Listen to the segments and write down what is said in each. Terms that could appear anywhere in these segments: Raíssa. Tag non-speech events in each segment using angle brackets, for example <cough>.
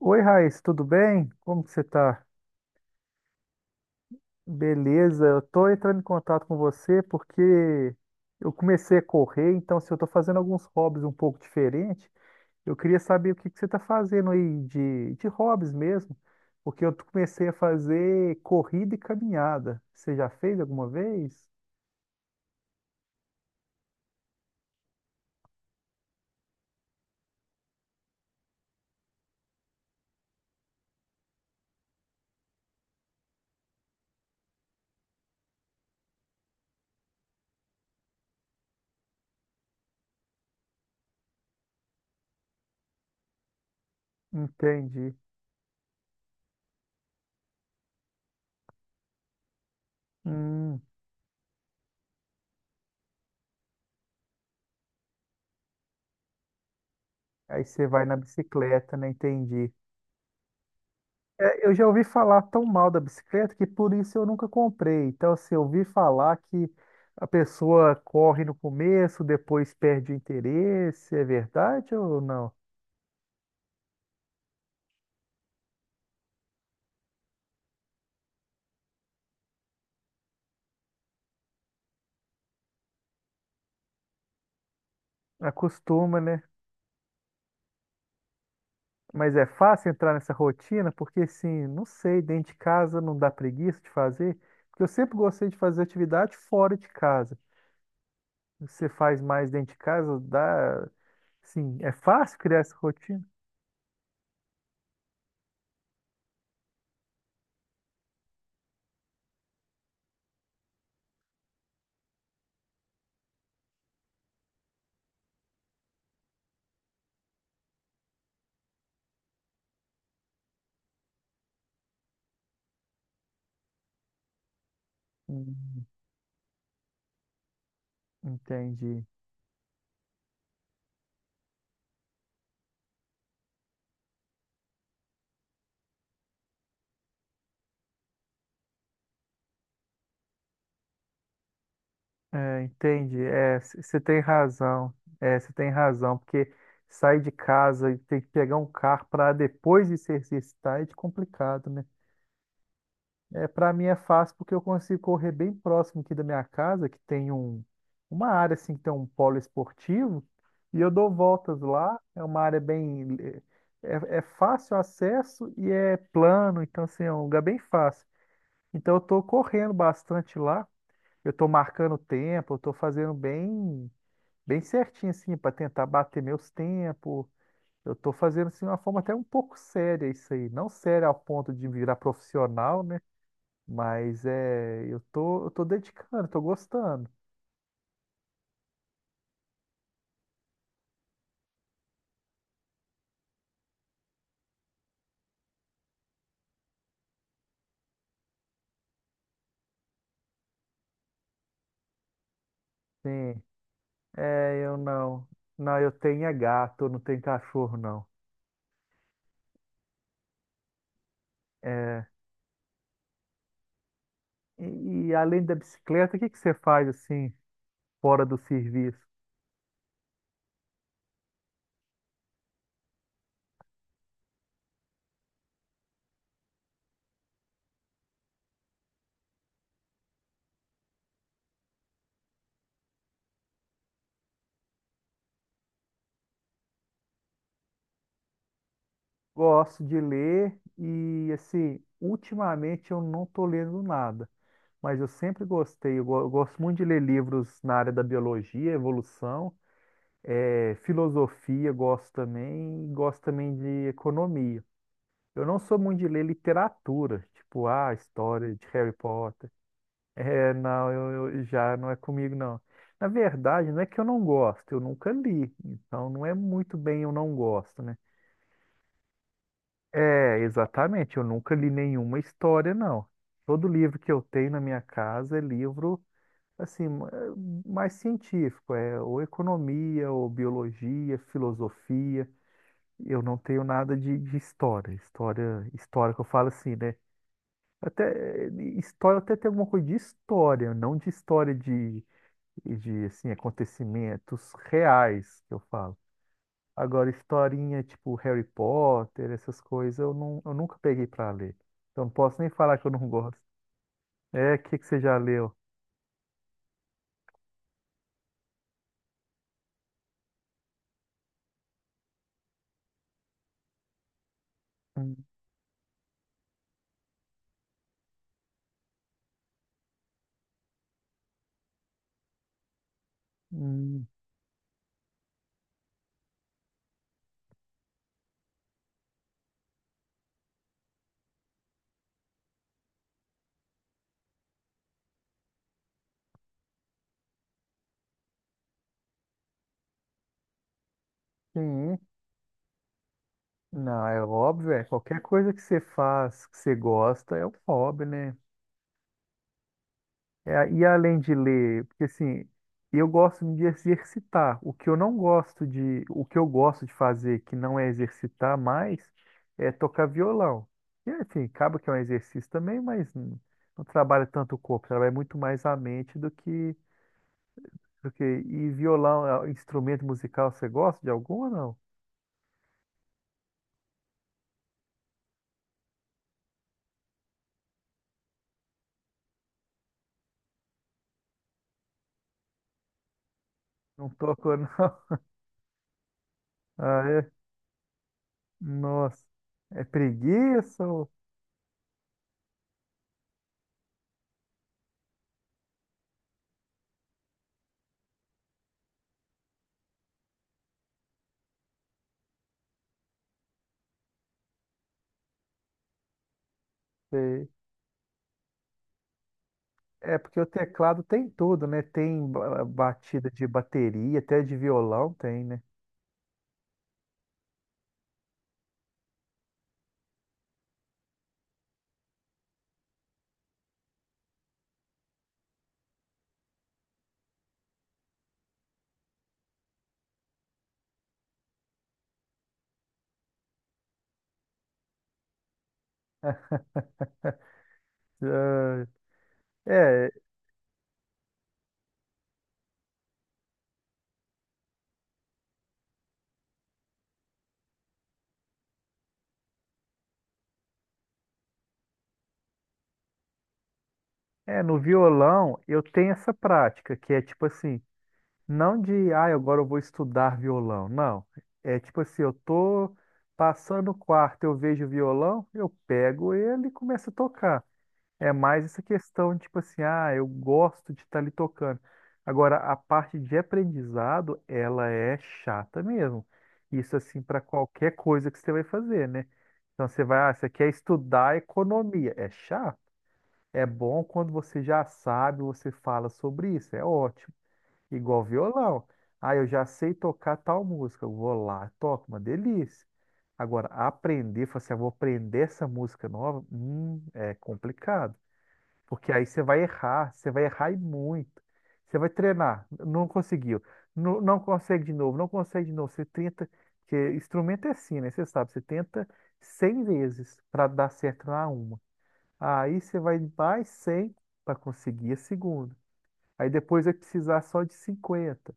Oi, Raíssa, tudo bem? Como que você tá? Beleza, eu tô entrando em contato com você porque eu comecei a correr, então se eu tô fazendo alguns hobbies um pouco diferente, eu queria saber o que que você tá fazendo aí de hobbies mesmo, porque eu comecei a fazer corrida e caminhada. Você já fez alguma vez? Entendi. Hum, aí você vai na bicicleta, né? Entendi. É, eu já ouvi falar tão mal da bicicleta que por isso eu nunca comprei. Então, assim, eu ouvi falar que a pessoa corre no começo, depois perde o interesse. É verdade ou não? Acostuma, né? Mas é fácil entrar nessa rotina porque, assim, não sei, dentro de casa não dá preguiça de fazer. Porque eu sempre gostei de fazer atividade fora de casa. Você faz mais dentro de casa, dá. Assim, é fácil criar essa rotina? Hum, entendi. É, entendi. É, você tem razão. É, você tem razão, porque sair de casa e ter que pegar um carro para depois de se exercitar é de complicado, né? É, para mim é fácil porque eu consigo correr bem próximo aqui da minha casa, que tem um, uma área assim que tem um polo esportivo, e eu dou voltas lá. É uma área bem é fácil acesso e é plano, então assim, é um lugar bem fácil. Então eu estou correndo bastante lá. Eu estou marcando o tempo, eu estou fazendo bem certinho, assim, para tentar bater meus tempos. Eu tô fazendo, assim, de uma forma até um pouco séria isso aí. Não séria ao ponto de virar profissional, né? Mas é, eu tô dedicando, tô gostando. Sim, é, eu não. Não, eu tenho é gato, eu não tenho cachorro, não. É, e além da bicicleta, o que que você faz, assim, fora do serviço? Gosto de ler e, assim, ultimamente eu não tô lendo nada. Mas eu sempre gostei, eu gosto muito de ler livros na área da biologia, evolução, filosofia, gosto também, e gosto também de economia. Eu não sou muito de ler literatura, tipo, ah, história de Harry Potter. É, não, já não é comigo, não. Na verdade, não é que eu não gosto, eu nunca li, então não é muito bem eu não gosto, né? É, exatamente, eu nunca li nenhuma história, não. Todo livro que eu tenho na minha casa é livro assim, mais científico, é ou economia, ou biologia, filosofia. Eu não tenho nada de história. História, história que eu falo assim, né? Até eh, História até tem alguma coisa de história, não de história de assim, acontecimentos reais que eu falo. Agora, historinha tipo Harry Potter, essas coisas, eu, não, eu nunca peguei para ler. Então, não posso nem falar que eu não gosto. É, o que você já leu? Hum, hum, sim. Não, é óbvio, é. Qualquer coisa que você faz, que você gosta, é um hobby, né? É, e além de ler, porque assim, eu gosto de exercitar. O que eu não gosto de, o que eu gosto de fazer, que não é exercitar mais, é tocar violão. E, enfim, acaba que é um exercício também, mas não, não trabalha tanto o corpo, trabalha muito mais a mente do que. E violão, é, um instrumento musical, você gosta de algum ou não? Não toco, não. <laughs> Ah, é? Nossa. É preguiça? Sei. É porque o teclado tem tudo, né? Tem batida de bateria, até de violão tem, né? Ah, é, no violão eu tenho essa prática, que é tipo assim, não de, ah, agora eu vou estudar violão, não. É tipo assim, eu tô passando o quarto, eu vejo o violão, eu pego ele e começo a tocar. É mais essa questão, tipo assim, ah, eu gosto de estar ali tocando. Agora, a parte de aprendizado, ela é chata mesmo. Isso, assim, para qualquer coisa que você vai fazer, né? Então, você vai, ah, você quer estudar economia. É chato. É bom quando você já sabe, você fala sobre isso. É ótimo. Igual violão. Ah, eu já sei tocar tal música. Eu vou lá, toco, uma delícia. Agora, aprender, falar assim, ah, vou aprender essa música nova, é complicado. Porque aí você vai errar e muito. Você vai treinar, não conseguiu, não, não consegue de novo. Você tenta, porque instrumento é assim, né? Você sabe, você tenta 100 vezes para dar certo na uma. Aí você vai mais 100 para conseguir a segunda. Aí depois vai precisar só de 50.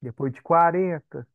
Depois de 40.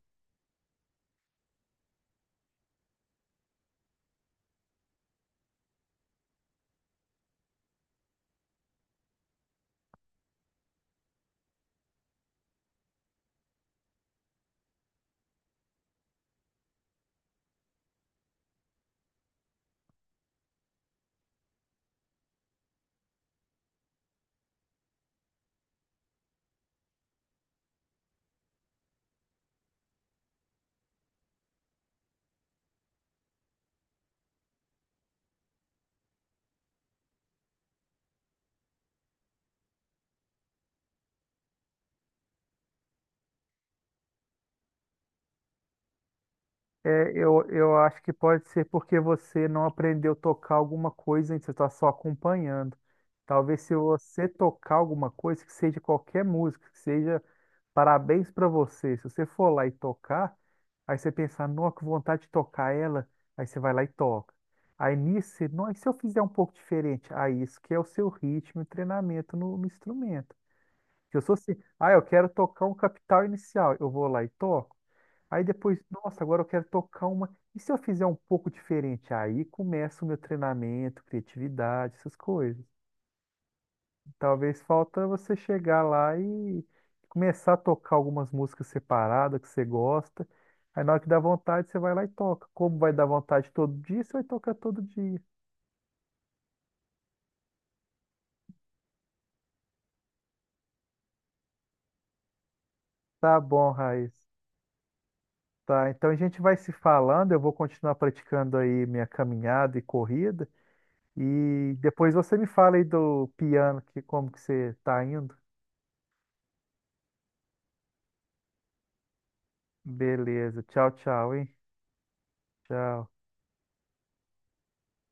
É, eu acho que pode ser porque você não aprendeu a tocar alguma coisa, hein? Você está só acompanhando. Talvez se você tocar alguma coisa, que seja qualquer música, que seja parabéns para você. Se você for lá e tocar, aí você pensar, nossa, que vontade de tocar ela, aí você vai lá e toca. Aí nisso, você, não, e se eu fizer um pouco diferente? Aí isso que é o seu ritmo e treinamento no instrumento. Se eu sou assim, ah, eu quero tocar um capital inicial, eu vou lá e toco. Aí depois, nossa, agora eu quero tocar uma. E se eu fizer um pouco diferente? Aí começa o meu treinamento, criatividade, essas coisas. Talvez falta você chegar lá e começar a tocar algumas músicas separadas que você gosta. Aí na hora que dá vontade, você vai lá e toca. Como vai dar vontade todo dia, você vai tocar todo dia. Tá bom, Raiz. Tá, então a gente vai se falando, eu vou continuar praticando aí minha caminhada e corrida. E depois você me fala aí do piano, que como que você tá indo. Beleza. Tchau, tchau, hein? Tchau.